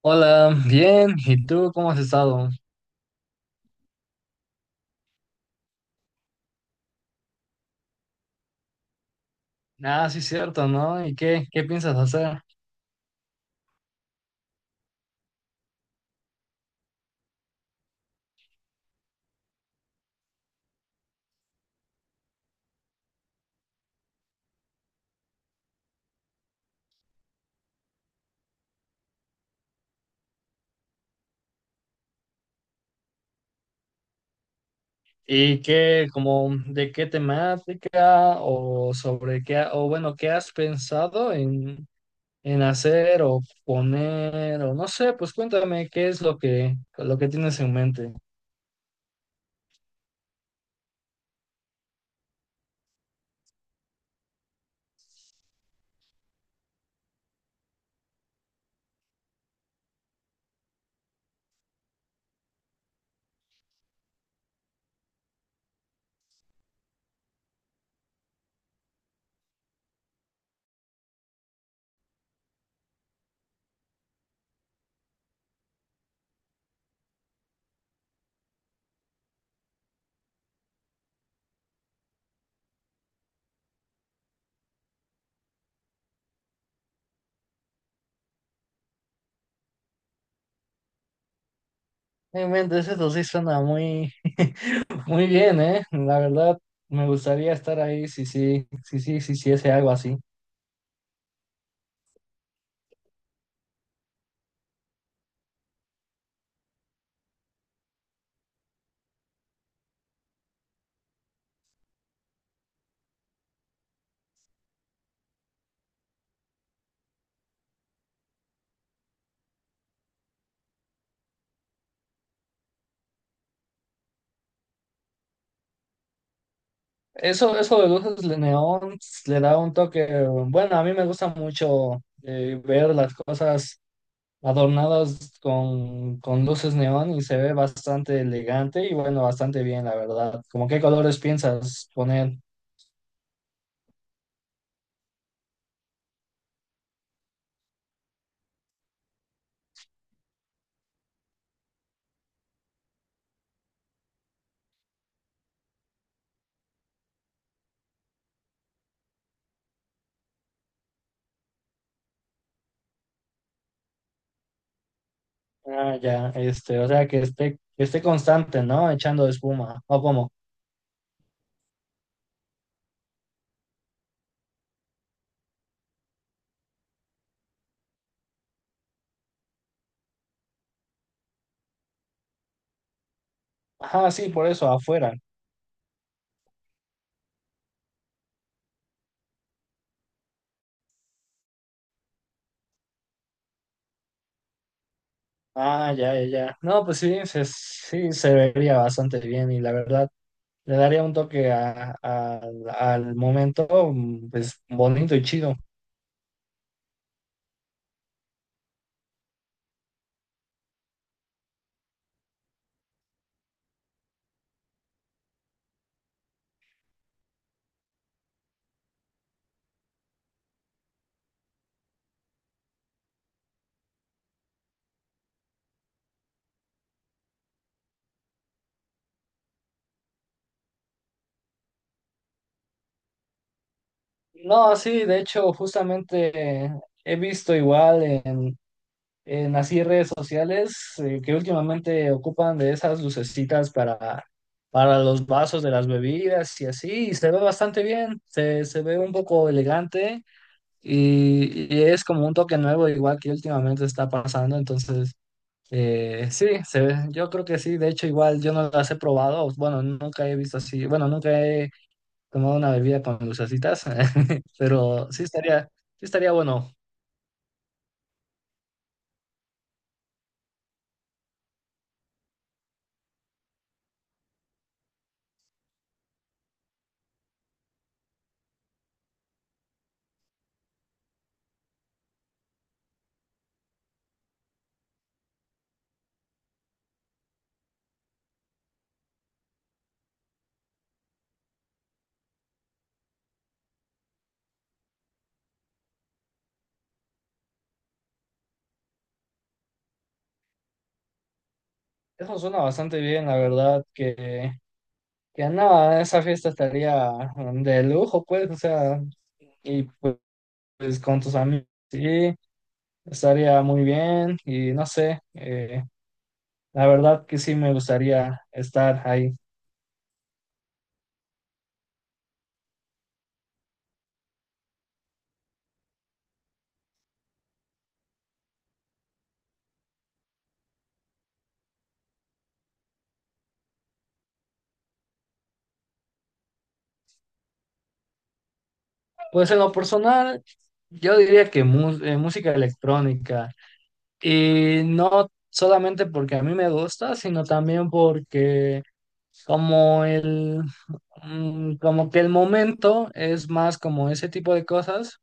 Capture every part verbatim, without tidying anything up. Hola, bien. ¿Y tú cómo has estado? Ah, sí, cierto, ¿no? ¿Y qué, qué piensas hacer? ¿Y qué, como, de qué temática o sobre qué, o bueno, qué has pensado en, en hacer o poner o no sé, pues cuéntame qué es lo que, lo que tienes en mente. En mente, eso sí suena muy, muy bien, ¿eh? La verdad, me gustaría estar ahí si sí, sí, sí, sí, sí, sí, hiciese algo así. Eso, eso de luces de neón le da un toque. Bueno, a mí me gusta mucho eh, ver las cosas adornadas con, con luces neón y se ve bastante elegante y bueno, bastante bien, la verdad. ¿Cómo qué colores piensas poner? Ah, ya, este, o sea, que esté, que esté constante, ¿no? Echando espuma, ¿o cómo? Ajá, sí, por eso, afuera. Ah, ya, ya, ya. No, pues sí, se, sí, se vería bastante bien y la verdad le daría un toque a- a- al momento, mm, pues bonito y chido. No, sí, de hecho, justamente he visto igual en, en así redes sociales eh, que últimamente ocupan de esas lucecitas para, para los vasos de las bebidas y así, y se ve bastante bien, se, se ve un poco elegante y, y es como un toque nuevo igual que últimamente está pasando, entonces. Eh, sí, se ve. Yo creo que sí. De hecho, igual yo no las he probado. Bueno, nunca he visto así. Bueno, nunca he tomado una bebida con lucecitas, pero sí estaría, sí estaría bueno. Eso suena bastante bien, la verdad. Que, que nada, esa fiesta estaría mm, de lujo, pues. O sea, y pues, pues, con tus amigos, sí, estaría muy bien. Y no sé, eh, la verdad que sí me gustaría estar ahí. Pues en lo personal, yo diría que mu- eh, música electrónica. Y no solamente porque a mí me gusta, sino también porque como el, mm, como que el momento es más como ese tipo de cosas.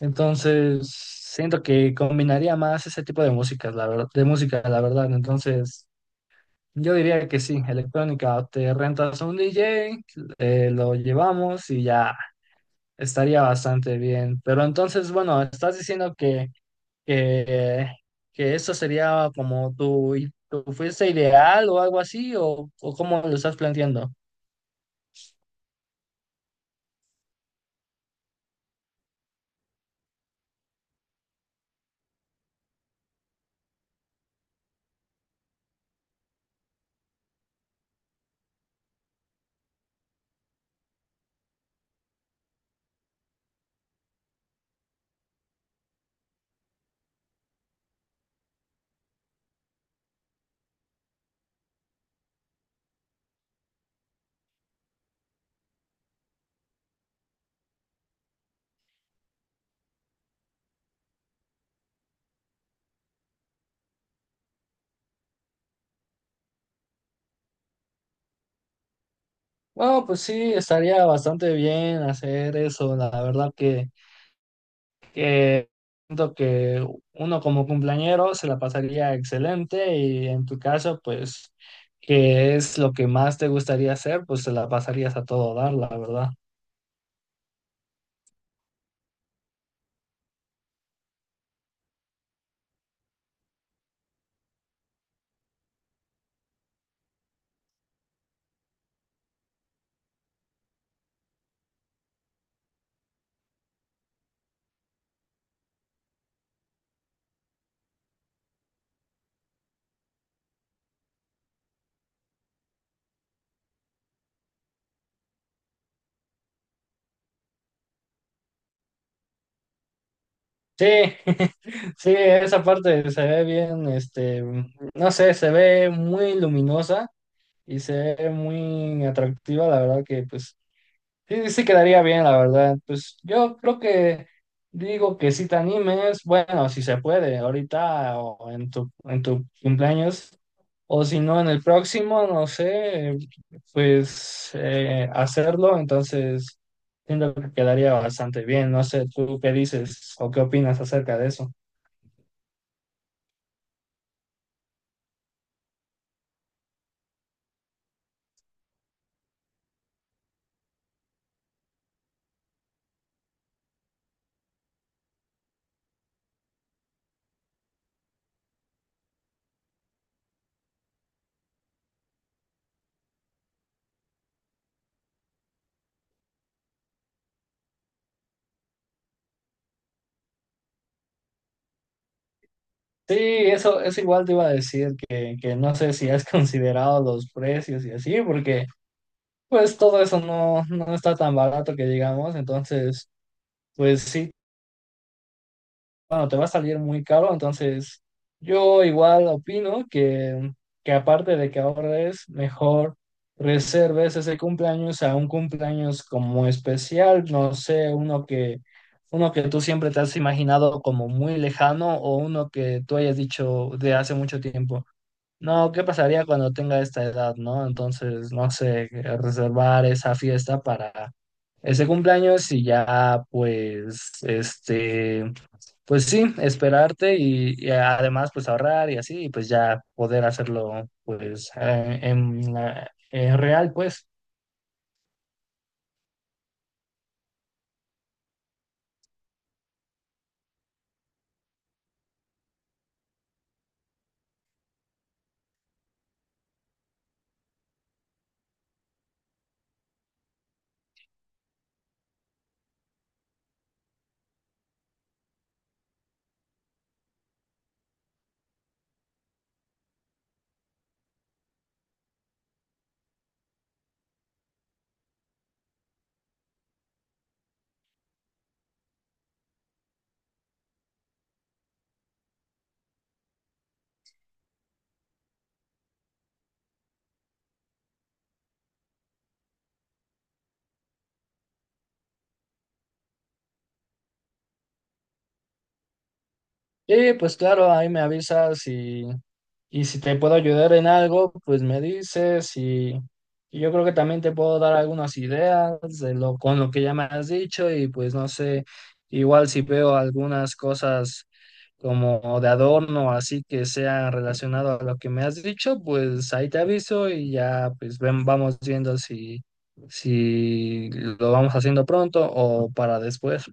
Entonces, siento que combinaría más ese tipo de músicas, la verdad, de música, la verdad. Entonces, yo diría que sí, electrónica, te rentas a un D J, eh, lo llevamos y ya estaría bastante bien. Pero entonces, bueno, estás diciendo que, que, que eso sería como tu, tu fuerza ideal o algo así, o, o cómo lo estás planteando. Bueno, pues sí, estaría bastante bien hacer eso. La verdad que, que siento que uno como cumpleañero se la pasaría excelente y en tu caso, pues, que es lo que más te gustaría hacer, pues se la pasarías a todo dar, la verdad. Sí, sí, esa parte se ve bien, este, no sé, se ve muy luminosa y se ve muy atractiva, la verdad que pues sí, sí quedaría bien, la verdad. Pues yo creo que digo que si te animes, bueno, si se puede, ahorita o en tu, en tu cumpleaños, o si no, en el próximo, no sé, pues eh, hacerlo, entonces siento que quedaría bastante bien. No sé, ¿tú qué dices o qué opinas acerca de eso? Sí, eso, eso igual te iba a decir que, que no sé si has considerado los precios y así, porque pues todo eso no, no está tan barato que digamos, entonces pues sí, bueno, te va a salir muy caro, entonces yo igual opino que, que aparte de que ahorres, mejor reserves ese cumpleaños a un cumpleaños como especial, no sé, uno que, uno que tú siempre te has imaginado como muy lejano o uno que tú hayas dicho de hace mucho tiempo. No, ¿qué pasaría cuando tenga esta edad, no? Entonces, no sé, reservar esa fiesta para ese cumpleaños y ya, pues, este, pues sí, esperarte y, y además pues ahorrar y así, y pues ya poder hacerlo pues eh, en, la- en real, pues. Y pues claro, ahí me avisas y, Y si te puedo ayudar en algo, pues me dices y, y yo creo que también te puedo dar algunas ideas de lo, con lo que ya me has dicho y pues no sé, igual si veo algunas cosas como de adorno, así que sea relacionado a lo que me has dicho, pues ahí te aviso y ya pues ven, vamos viendo si, si lo vamos haciendo pronto o para después.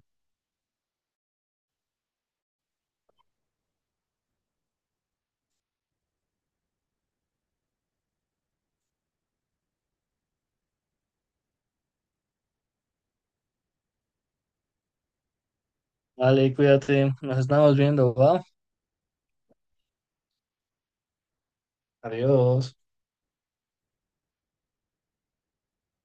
Vale, cuídate, nos estamos viendo, ¿va? Adiós.